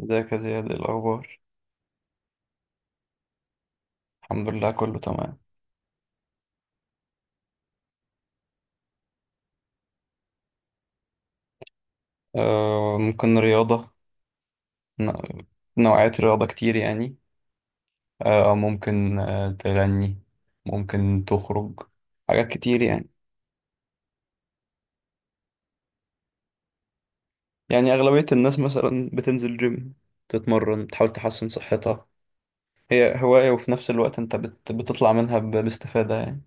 ازيك يا زياد ايه الأخبار؟ الحمد لله كله تمام. آه، ممكن رياضة. ن- نوعية رياضة كتير يعني. آه، ممكن تغني. ممكن تخرج. حاجات كتير يعني. يعني أغلبية الناس مثلا بتنزل جيم. تتمرن تحاول تحسن صحتها. هي هواية، وفي نفس الوقت انت بتطلع منها باستفادة يعني.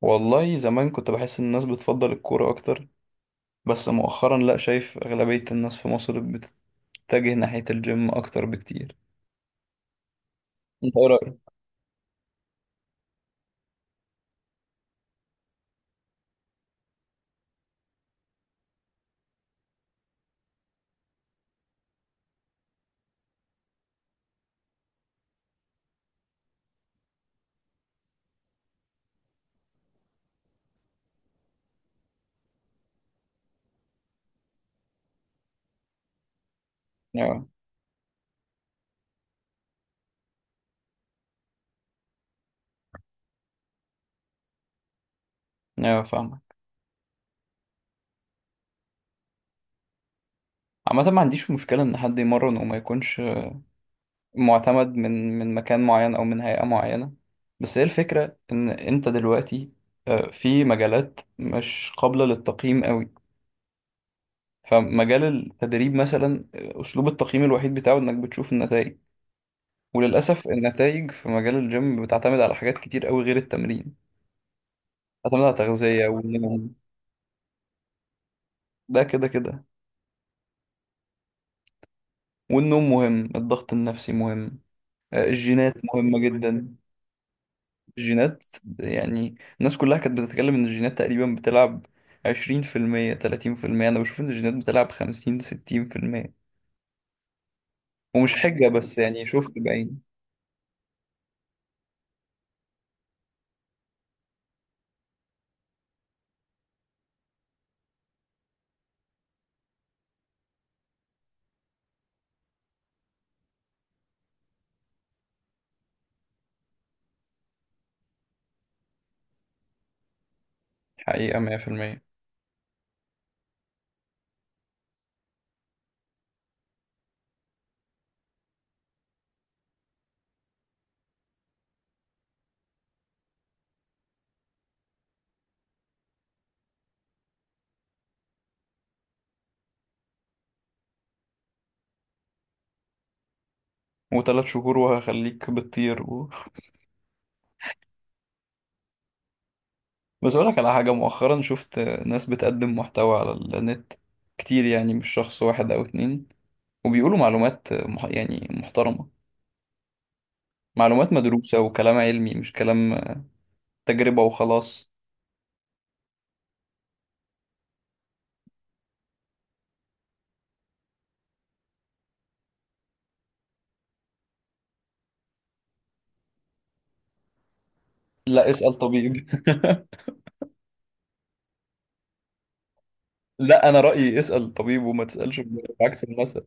والله زمان كنت بحس إن الناس بتفضل الكورة أكتر. بس مؤخرا لأ، شايف أغلبية الناس في مصر بتتجه ناحية الجيم أكتر بكتير. انت. اه، اه، فاهمك. عامة ما عنديش مشكلة إن حد يمرن وما يكونش معتمد من مكان معين أو من هيئة معينة. بس هي الفكرة إن أنت دلوقتي في مجالات مش قابلة للتقييم قوي. فمجال التدريب مثلا أسلوب التقييم الوحيد بتاعه إنك بتشوف النتائج. وللأسف النتائج في مجال الجيم بتعتمد على حاجات كتير قوي غير التمرين. بتعتمد على تغذية والنوم. ده كده كده. والنوم مهم، الضغط النفسي مهم. الجينات مهمة جدا. الجينات. يعني الناس كلها كانت بتتكلم ان الجينات تقريبا بتلعب عشرين في المية تلاتين في المية، انا بشوف ان الجينات بتلعب خمسين ستين في المية. ومش حجة بس يعني شفت بعين. حقيقة مية في المية. وتلات شهور وهخليك بتطير. بس أقولك على حاجة مؤخرا شفت ناس بتقدم محتوى على النت كتير، يعني مش شخص واحد أو اتنين. وبيقولوا معلومات يعني محترمة. معلومات مدروسة وكلام علمي، مش كلام تجربة وخلاص. لا، اسأل طبيب. لا، انا رايي اسال طبيب وما تسالش، عكس المثل.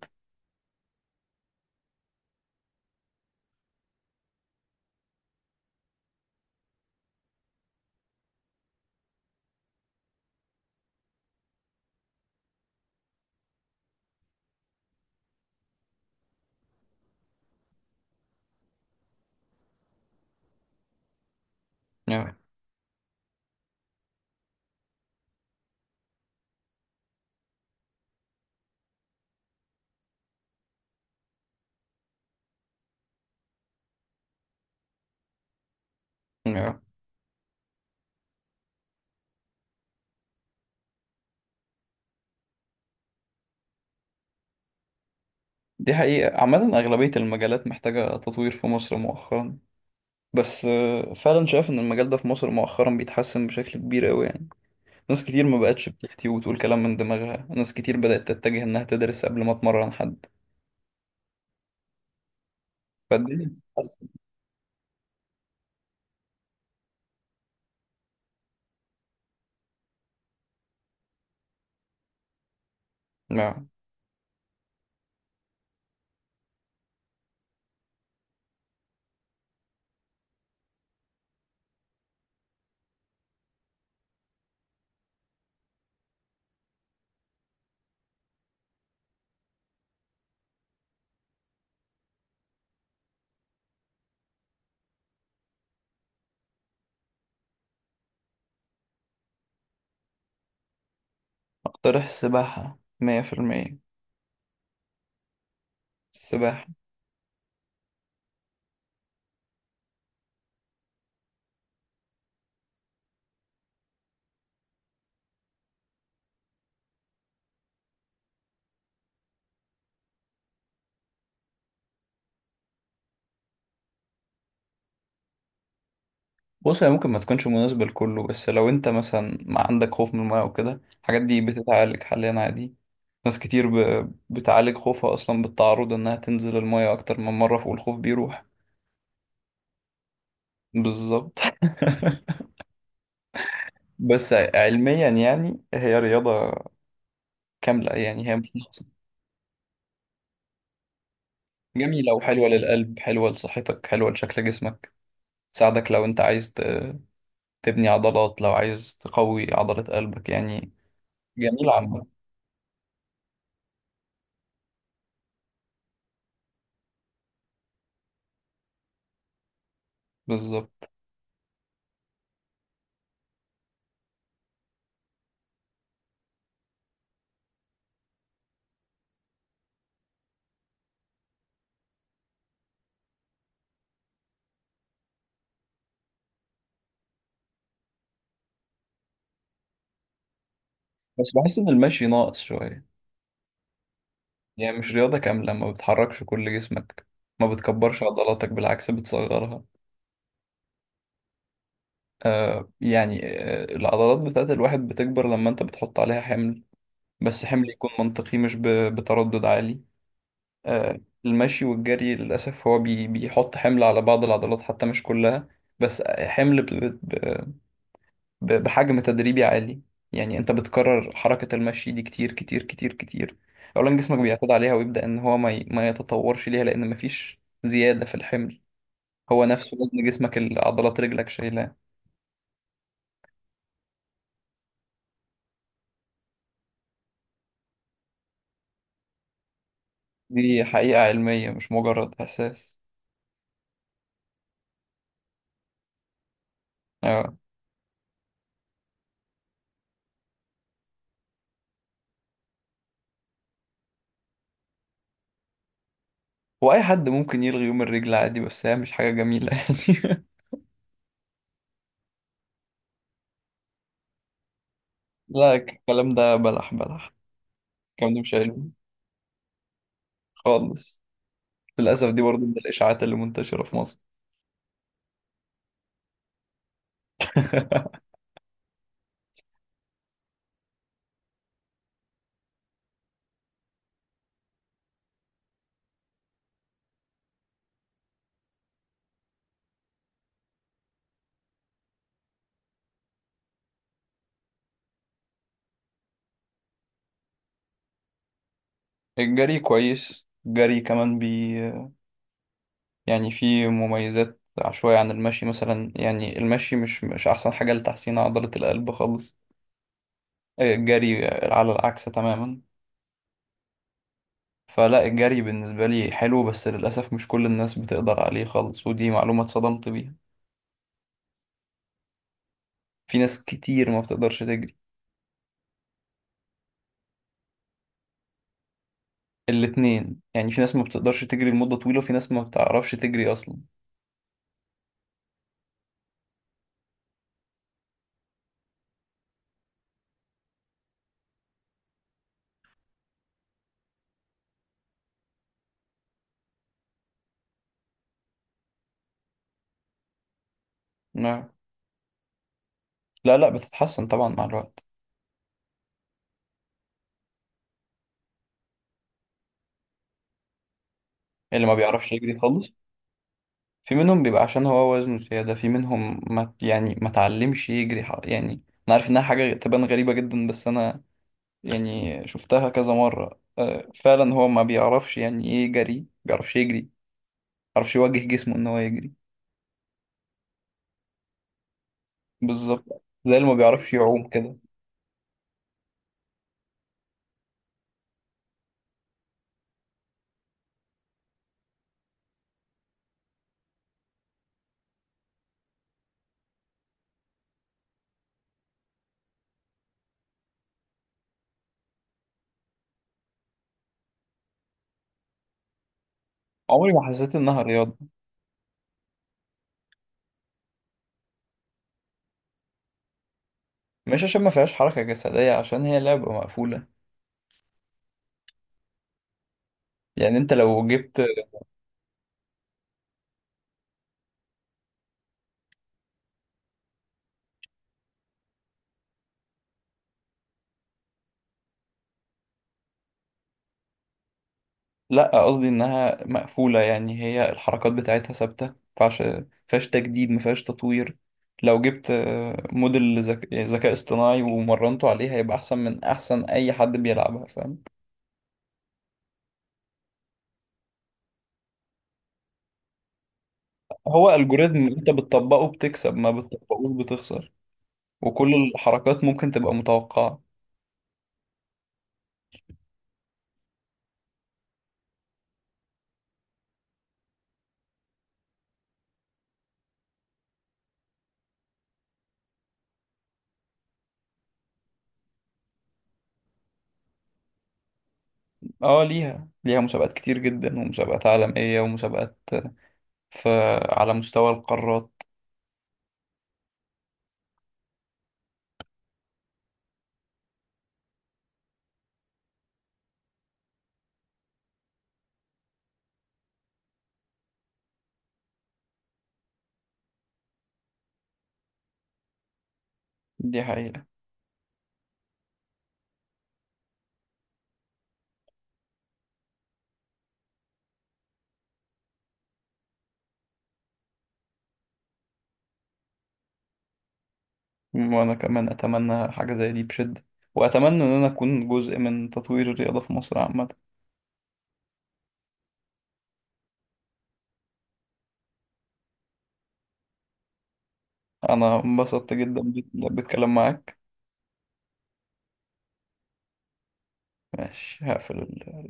yeah. yeah. دي حقيقه، عامه اغلبيه المجالات محتاجه تطوير في مصر مؤخرا. بس فعلا شايف ان المجال ده في مصر مؤخرا بيتحسن بشكل كبير قوي يعني. ناس كتير ما بقتش بتفتي وتقول كلام من دماغها، ناس كتير بدات تتجه انها تدرس قبل ما تمرن حد. فالدنيا بتتحسن. yeah. اقترح السباحه 100%. السباحه. بص، هي ممكن ما تكونش مناسبة لكله، بس لو انت مثلا ما عندك خوف من الماء وكده الحاجات دي بتتعالج حاليا عادي. ناس كتير بتعالج خوفها اصلا بالتعرض انها تنزل الماء اكتر من مرة، والخوف بيروح. بالظبط. بس علميا يعني هي رياضة كاملة، يعني هي مش ناقصة. جميلة وحلوة للقلب، حلوة لصحتك، حلوة لشكل جسمك. تساعدك لو انت عايز تبني عضلات، لو عايز تقوي عضلة قلبك يعني. جميلة عامة. بالظبط. بس بحس ان المشي ناقص شوية. يعني مش رياضة كاملة، ما بتحركش كل جسمك. ما بتكبرش عضلاتك، بالعكس بتصغرها. يعني العضلات بتاعت الواحد بتكبر لما انت بتحط عليها حمل. بس حمل يكون منطقي، مش بتردد عالي. آه المشي والجري للأسف هو بيحط حمل على بعض العضلات حتى مش كلها. بس حمل بحجم تدريبي عالي. يعني انت بتكرر حركة المشي دي كتير كتير كتير كتير. اولا جسمك بيعتاد عليها ويبدأ ان هو ما يتطورش ليها لان مفيش زيادة في الحمل. هو نفسه وزن جسمك اللي عضلات رجلك شايلاه. دي حقيقة علمية مش مجرد احساس. اه، واي حد ممكن يلغي يوم الرجل عادي، بس هي مش حاجة جميلة يعني. لا، الكلام ده بلح بلح. الكلام ده مش علمي خالص. للأسف دي برضه من الإشاعات اللي منتشرة في مصر. الجري كويس، الجري كمان. يعني في مميزات شوية عن المشي، مثلا يعني المشي مش أحسن حاجة لتحسين عضلة القلب خالص. الجري على العكس تماما. فلا، الجري بالنسبة لي حلو، بس للأسف مش كل الناس بتقدر عليه خالص، ودي معلومة اتصدمت بيها. في ناس كتير ما بتقدرش تجري. الاتنين، يعني في ناس ما بتقدرش تجري لمدة طويلة، وفي ناس ما بتعرفش تجري أصلا. نعم. لا، لا، بتتحسن طبعا مع الوقت. اللي ما بيعرفش يجري خالص. في منهم بيبقى عشان هو وزنه زيادة، في منهم ما يعني ما تعلمش يجري يعني. أنا عارف إنها حاجة تبان غريبة جدا، بس أنا يعني شفتها كذا مرة، فعلا هو ما بيعرفش يعني إيه جري، ما بيعرفش يجري، ما بيعرفش يوجه جسمه إن هو يجري. بالظبط زي اللي ما بيعرفش يعوم كده. عمري ما حسيت إنها رياضة. مش عشان ما فيهاش حركة جسدية، عشان هي لعبة مقفولة. يعني أنت لو جبت. لا، قصدي انها مقفولة، يعني هي الحركات بتاعتها ثابتة، مفيهاش تجديد، مفيهاش تطوير. لو جبت موديل ذكاء اصطناعي ومرنته عليه، هيبقى احسن من احسن اي حد بيلعبها، فاهم. هو الجوريزم انت بتطبقه بتكسب، ما بتطبقوش بتخسر. وكل الحركات ممكن تبقى متوقعة. اه، ليها مسابقات كتير جدا، ومسابقات عالمية، ومسابقات في على مستوى القارات. دي حقيقة. وأنا كمان أتمنى حاجة زي دي بشدة، وأتمنى إن أنا أكون جزء من تطوير الرياضة في مصر عامة. أنا انبسطت جدا بالكلام معاك. ماشي هقفل